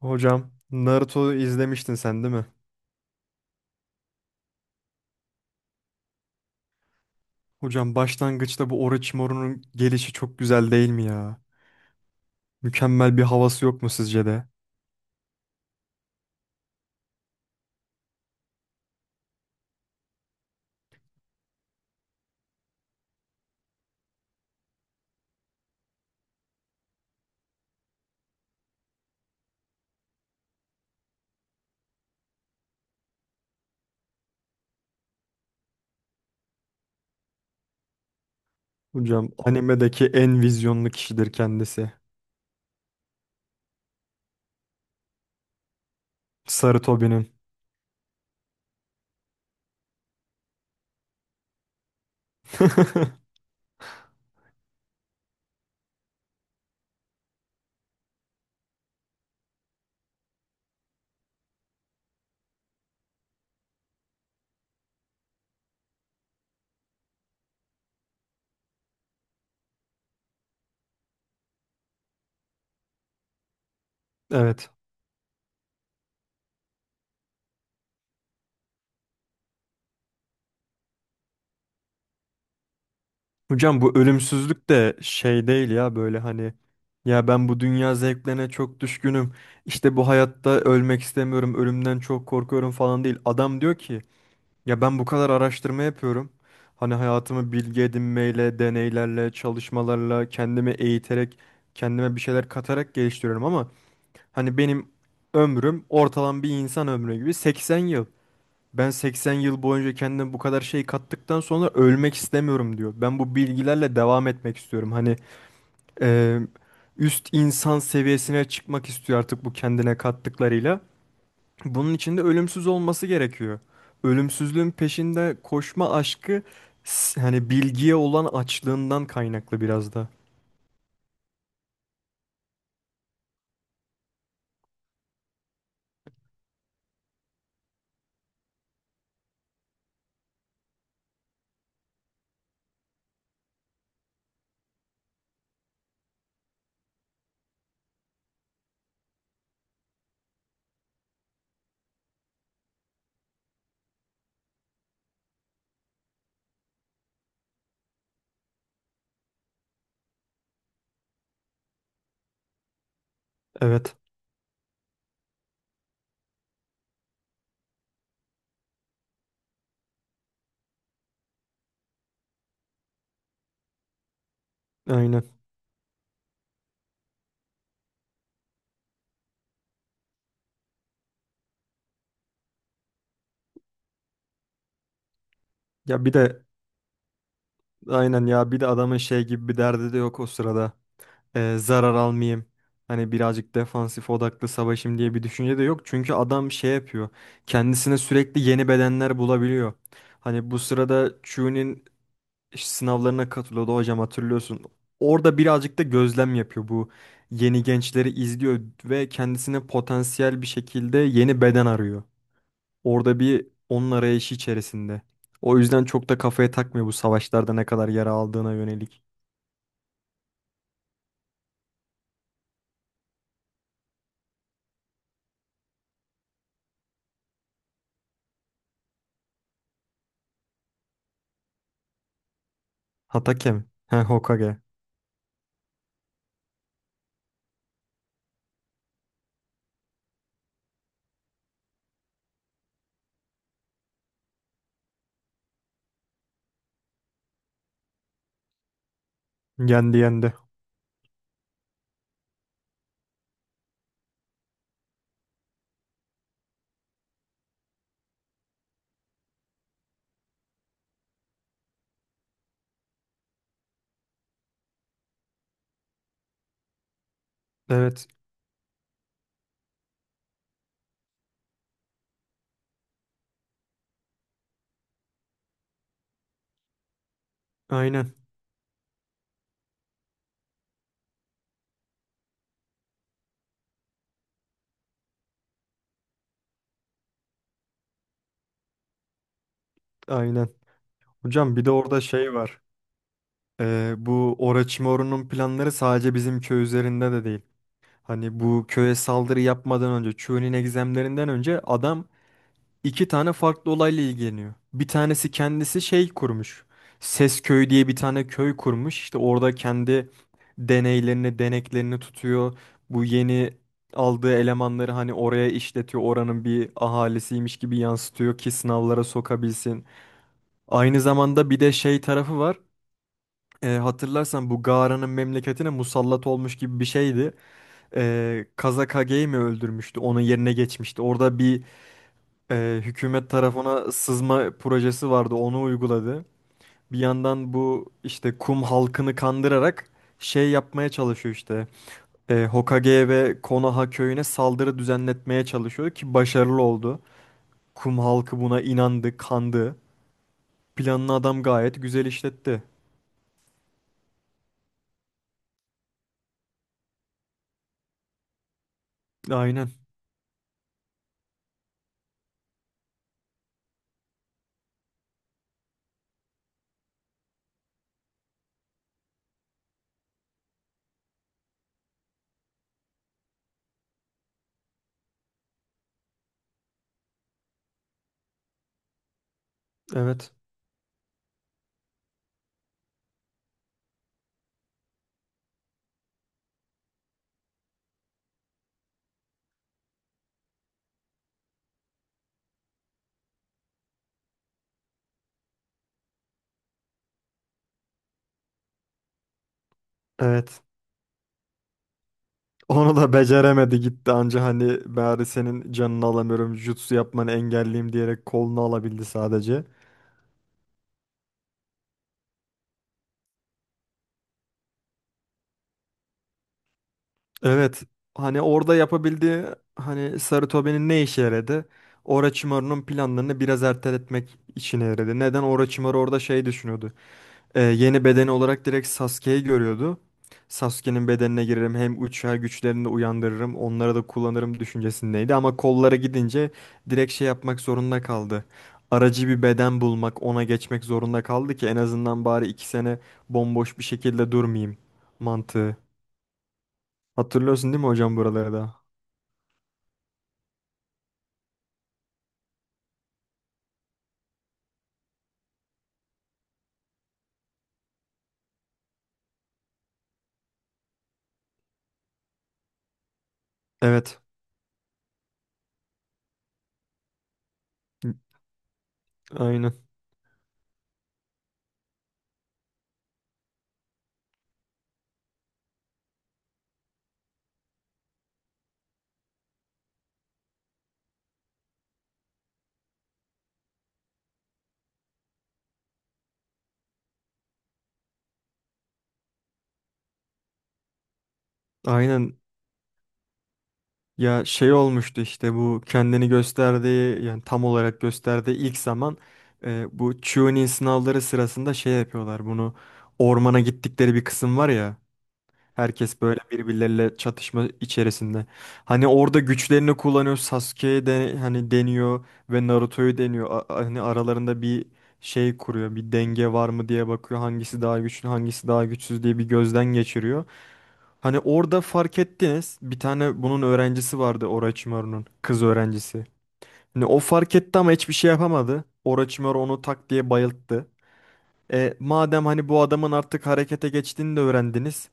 Hocam Naruto izlemiştin sen değil mi? Hocam başlangıçta bu Orochimaru'nun gelişi çok güzel değil mi ya? Mükemmel bir havası yok mu sizce de? Hocam animedeki en vizyonlu kişidir kendisi. Sarı Tobi'nin. Evet. Hocam bu ölümsüzlük de şey değil ya böyle hani, ya ben bu dünya zevklerine çok düşkünüm. İşte bu hayatta ölmek istemiyorum, ölümden çok korkuyorum falan değil. Adam diyor ki, ya ben bu kadar araştırma yapıyorum. Hani hayatımı bilgi edinmeyle, deneylerle, çalışmalarla, kendimi eğiterek, kendime bir şeyler katarak geliştiriyorum ama hani benim ömrüm ortalama bir insan ömrü gibi 80 yıl. Ben 80 yıl boyunca kendime bu kadar şey kattıktan sonra ölmek istemiyorum diyor. Ben bu bilgilerle devam etmek istiyorum. Hani eee, üst insan seviyesine çıkmak istiyor artık bu kendine kattıklarıyla. Bunun için de ölümsüz olması gerekiyor. Ölümsüzlüğün peşinde koşma aşkı, hani bilgiye olan açlığından kaynaklı biraz da. Evet, aynen. Ya bir de, aynen, ya bir de adamın şey gibi bir derdi de yok o sırada. Zarar almayayım. Hani birazcık defansif odaklı savaşım diye bir düşünce de yok. Çünkü adam şey yapıyor. Kendisine sürekli yeni bedenler bulabiliyor. Hani bu sırada Chu'nin sınavlarına katılıyordu hocam, hatırlıyorsun. Orada birazcık da gözlem yapıyor, bu yeni gençleri izliyor ve kendisine potansiyel bir şekilde yeni beden arıyor. Orada bir onun arayışı içerisinde. O yüzden çok da kafaya takmıyor bu savaşlarda ne kadar yara aldığına yönelik. Hatake mi? He, Hokage. Yendi yendi. Evet, aynen aynen. Hocam bir de orada şey var. Bu Orochimaru'nun planları sadece bizim köy üzerinde de değil. Hani bu köye saldırı yapmadan önce, Chu'nun egzemlerinden önce adam iki tane farklı olayla ilgileniyor. Bir tanesi kendisi şey kurmuş. Ses Köyü diye bir tane köy kurmuş. İşte orada kendi deneylerini, deneklerini tutuyor. Bu yeni aldığı elemanları hani oraya işletiyor. Oranın bir ahalisiymiş gibi yansıtıyor ki sınavlara sokabilsin. Aynı zamanda bir de şey tarafı var. Hatırlarsan bu Gara'nın memleketine musallat olmuş gibi bir şeydi. Kazakage'yi mi öldürmüştü? Onun yerine geçmişti. Orada bir hükümet tarafına sızma projesi vardı. Onu uyguladı. Bir yandan bu işte kum halkını kandırarak şey yapmaya çalışıyor işte. Hokage ve Konoha köyüne saldırı düzenletmeye çalışıyor ki başarılı oldu. Kum halkı buna inandı, kandı. Planını adam gayet güzel işletti. Aynen. Evet. Evet. Onu da beceremedi gitti anca, hani bari senin canını alamıyorum, jutsu yapmanı engelleyeyim diyerek kolunu alabildi sadece. Evet, hani orada yapabildiği, hani Sarutobi'nin ne işe yaradı? Orochimaru'nun planlarını biraz erteletmek işine yaradı. Neden? Orochimaru orada şey düşünüyordu. Yeni bedeni olarak direkt Sasuke'yi görüyordu. Sasuke'nin bedenine girerim, hem uçar güçlerini de uyandırırım, onları da kullanırım düşüncesindeydi ama kollara gidince direkt şey yapmak zorunda kaldı. Aracı bir beden bulmak, ona geçmek zorunda kaldı ki en azından bari 2 sene bomboş bir şekilde durmayayım mantığı. Hatırlıyorsun değil mi hocam, buraları da? Evet. Aynen. Aynen. Ya şey olmuştu işte, bu kendini gösterdiği, yani tam olarak gösterdiği ilk zaman bu Chunin sınavları sırasında şey yapıyorlar bunu, ormana gittikleri bir kısım var ya. Herkes böyle birbirleriyle çatışma içerisinde. Hani orada güçlerini kullanıyor. Sasuke'ye de hani deniyor ve Naruto'yu deniyor. Hani aralarında bir şey kuruyor. Bir denge var mı diye bakıyor. Hangisi daha güçlü, hangisi daha güçsüz diye bir gözden geçiriyor. Hani orada fark ettiniz. Bir tane bunun öğrencisi vardı Orochimaru'nun. Kız öğrencisi. Hani o fark etti ama hiçbir şey yapamadı. Orochimaru onu tak diye bayılttı. Madem hani bu adamın artık harekete geçtiğini de öğrendiniz,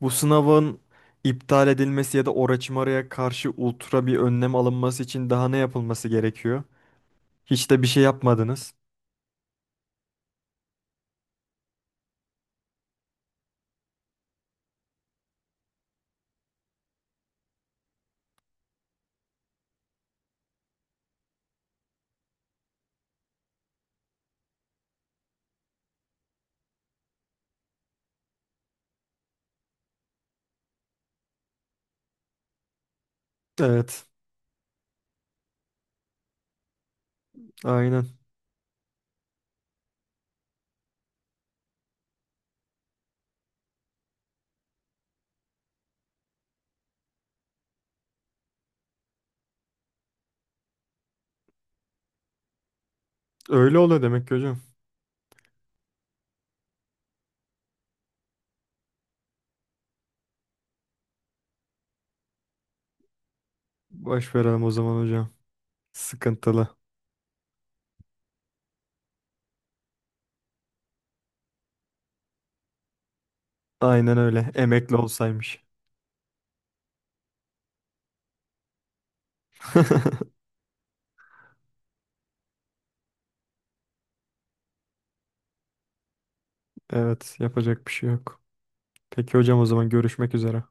bu sınavın iptal edilmesi ya da Orochimaru'ya karşı ultra bir önlem alınması için daha ne yapılması gerekiyor? Hiç de bir şey yapmadınız. Evet, aynen. Öyle oluyor demek ki hocam. Baş verelim o zaman hocam. Sıkıntılı. Aynen öyle. Emekli olsaymış. Evet, yapacak bir şey yok. Peki hocam, o zaman görüşmek üzere.